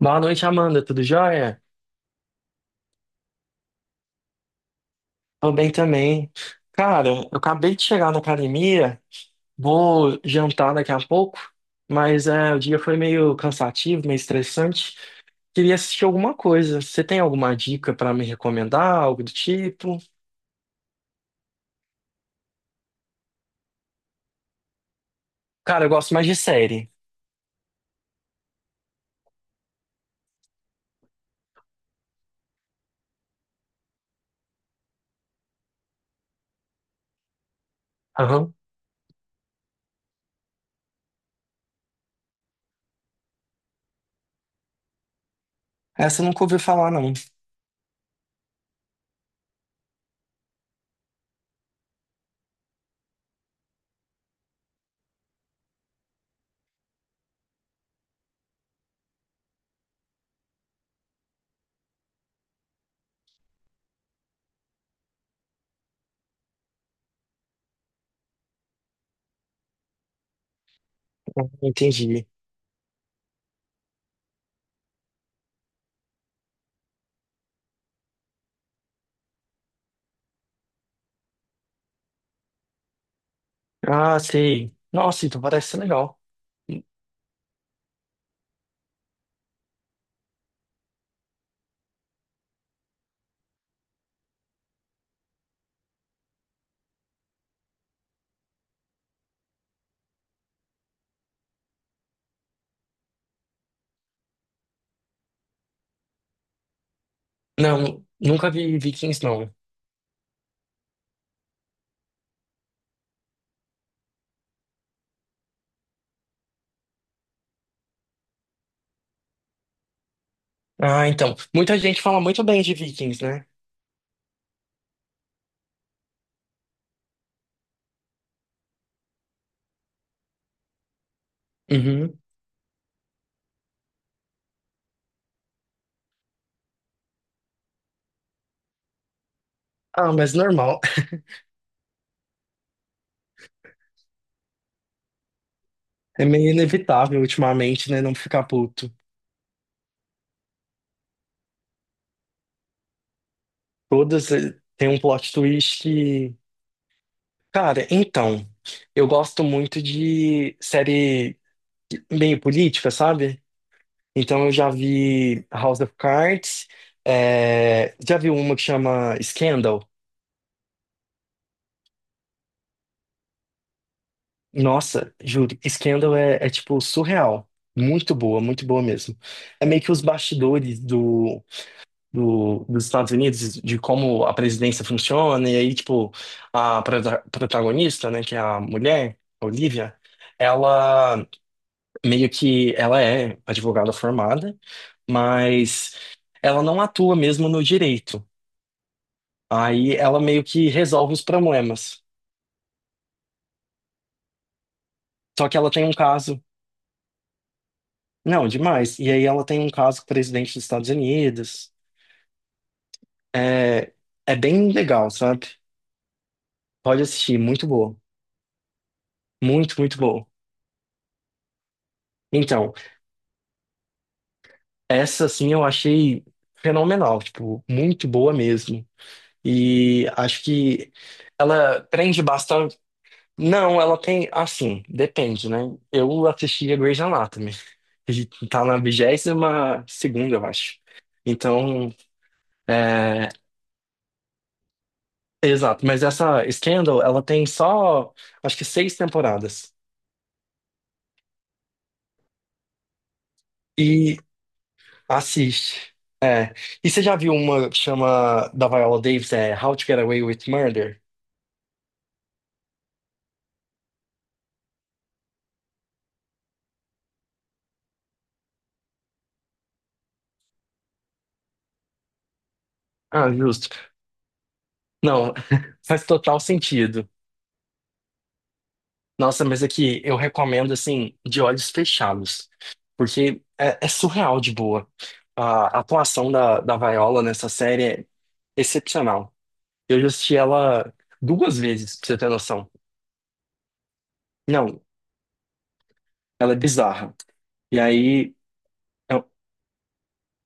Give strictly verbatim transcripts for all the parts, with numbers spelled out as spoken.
Boa noite, Amanda. Tudo jóia? Tô bem também. Cara, eu acabei de chegar na academia, vou jantar daqui a pouco, mas é, o dia foi meio cansativo, meio estressante. Queria assistir alguma coisa. Você tem alguma dica pra me recomendar, algo do tipo? Cara, eu gosto mais de série. Aham. Essa eu nunca ouvi falar, não. Entendi. Ah, sei. Nossa, então parece ser legal. Não, nunca vi Vikings, não. Ah, então. Muita gente fala muito bem de Vikings, né? Uhum. Ah, mas normal. É meio inevitável ultimamente, né? Não ficar puto. Todas eh, têm um plot twist que. Cara, então. Eu gosto muito de série meio política, sabe? Então eu já vi House of Cards. eh, Já vi uma que chama Scandal. Nossa, juro, Scandal é, é tipo surreal. Muito boa, muito boa mesmo. É meio que os bastidores do do- dos Estados Unidos, de como a presidência funciona, e aí, tipo, a prota- protagonista, né, que é a mulher, a Olivia, ela meio que, ela é advogada formada, mas ela não atua mesmo no direito. Aí ela meio que resolve os problemas. Só que ela tem um caso, não, demais, e aí ela tem um caso com o presidente dos Estados Unidos. É, é bem legal, sabe? Pode assistir, muito boa. Muito, muito boa. Então, essa, assim, eu achei fenomenal, tipo, muito boa mesmo. E acho que ela prende bastante. Não, ela tem, assim, depende, né? Eu assisti a Grey's Anatomy. E tá na vigésima segunda, eu acho. Então, é... Exato, mas essa Scandal, ela tem só, acho que seis temporadas. E assiste. É. E você já viu uma que chama da Viola Davis, é How to Get Away with Murder? Ah, justo. Não, faz total sentido. Nossa, mas aqui eu recomendo assim, de olhos fechados, porque é, é surreal de boa. A atuação da, da Viola nessa série é excepcional. Eu já assisti ela duas vezes, pra você ter noção. Não, ela é bizarra. E aí. eu-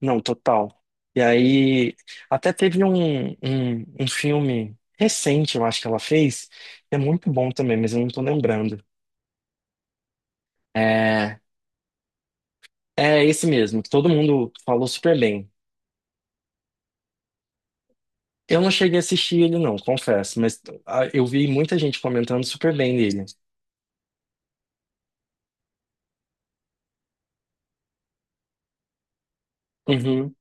não, total. E aí. Até teve um, um, um filme recente, eu acho que ela fez, que é muito bom também, mas eu não tô lembrando. É, É esse mesmo, que todo mundo falou super bem. Eu não cheguei a assistir ele, não, confesso, mas ah, eu vi muita gente comentando super bem dele. Uhum,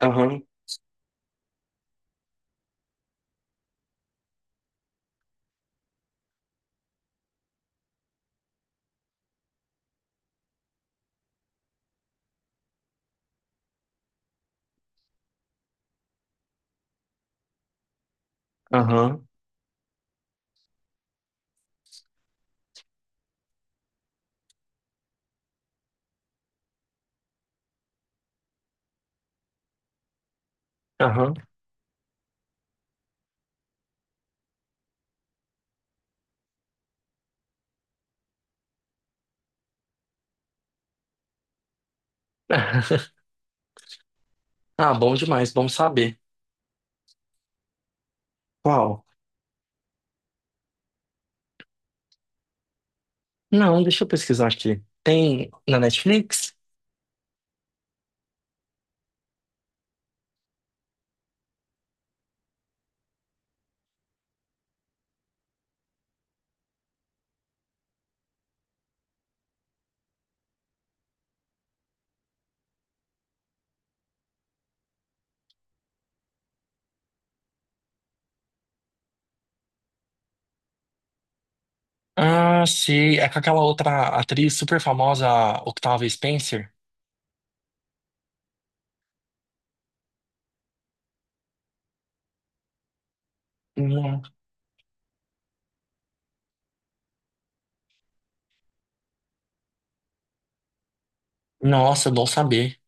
aham, aham, aham. Ah, bom demais, bom saber. Qual? Não, deixa eu pesquisar aqui. Tem na Netflix? Ah, sim, é com aquela outra atriz super famosa, a Octavia Spencer? Não. Nossa, bom saber.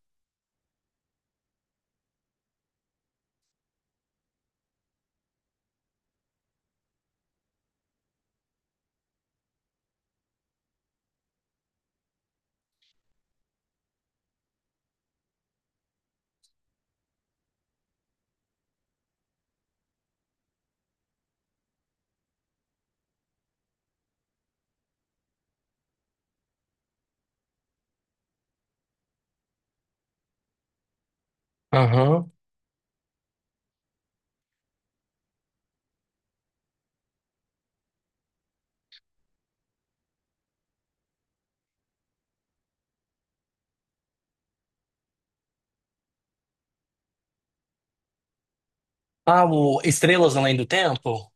Aham. Ah, o Estrelas Além do Tempo?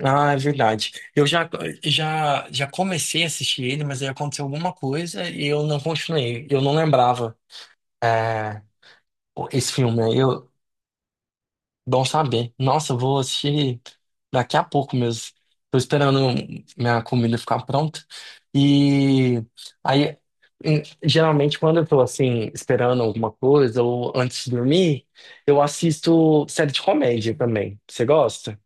Ah, é verdade. Eu já, já, já comecei a assistir ele, mas aí aconteceu alguma coisa e eu não continuei. Eu não lembrava é, esse filme. Aí. Eu, bom saber. Nossa, eu vou assistir daqui a pouco mesmo. Tô esperando minha comida ficar pronta. E aí, em- geralmente, quando eu tô assim, esperando alguma coisa ou antes de dormir, eu assisto série de comédia também. Você gosta?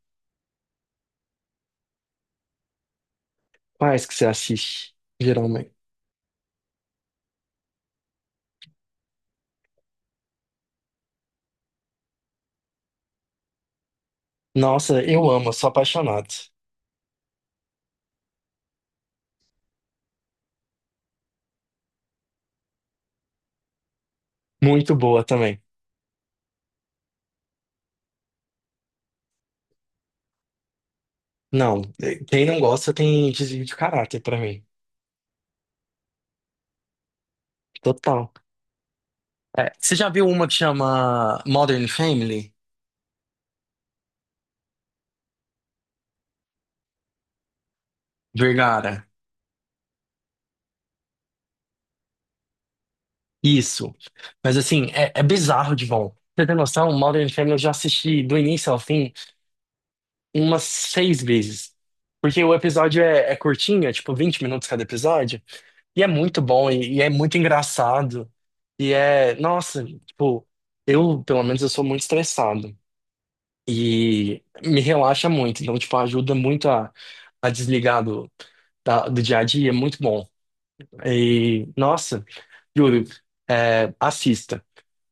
Quais que você assiste, geralmente? Nossa, eu amo, sou apaixonado. Muito boa também. Não, quem não gosta tem desvio de caráter pra mim. Total. É, você já viu uma que chama Modern Family? Vergara. Isso. Mas assim, é, é bizarro de bom. Pra você tem noção? Modern Family eu já assisti do início ao fim umas seis vezes. Porque o episódio é, é curtinho, é tipo vinte minutos cada episódio. E é muito bom, e, e é muito engraçado. E é, nossa, tipo, eu, pelo menos, eu sou muito estressado. E me relaxa muito. Então, tipo, ajuda muito a, a desligar do, da- do dia a dia, é muito bom. E, nossa, juro, é, assista.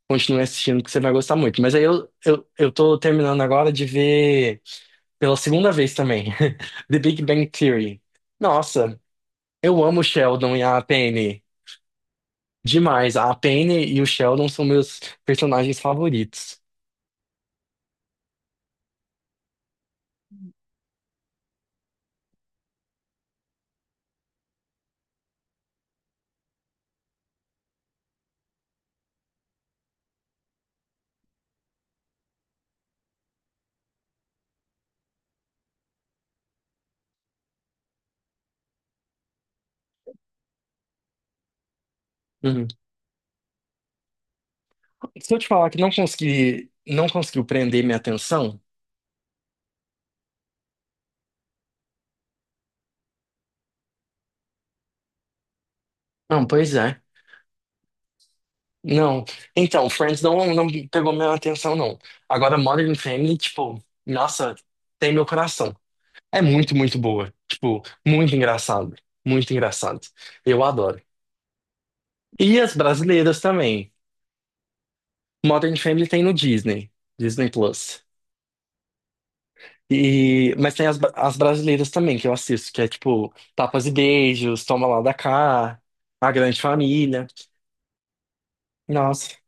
Continue assistindo que você vai gostar muito. Mas aí eu, eu, eu tô terminando agora de ver pela segunda vez também, The Big Bang Theory. Nossa, eu amo o Sheldon e a Penny demais. A Penny e o Sheldon são meus personagens favoritos. Uhum. Se eu te falar que não consegui, não conseguiu prender minha atenção, não, pois é. Não. Então, Friends não, não pegou minha atenção, não. Agora, Modern Family, tipo, nossa, tem meu coração. É muito, muito boa. Tipo, muito engraçado. Muito engraçado. Eu adoro. E as brasileiras também. Modern Family tem no Disney. Disney Plus. E, mas tem as, bra- as brasileiras também que eu assisto, que é tipo Tapas e Beijos, Toma Lá da Cá, A Grande Família. Nossa.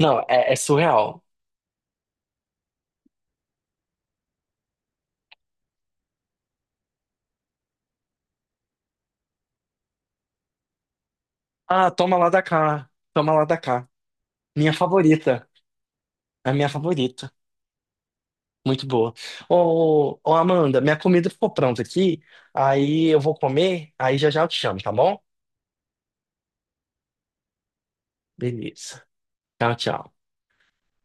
Não, é, é surreal. Ah, Toma Lá da Cá. Toma Lá da Cá. Minha favorita. A minha favorita. Muito boa. Ô, ô, Amanda, minha comida ficou pronta aqui. Aí eu vou comer. Aí já já eu te chamo, tá bom? Beleza. Tchau, tchau.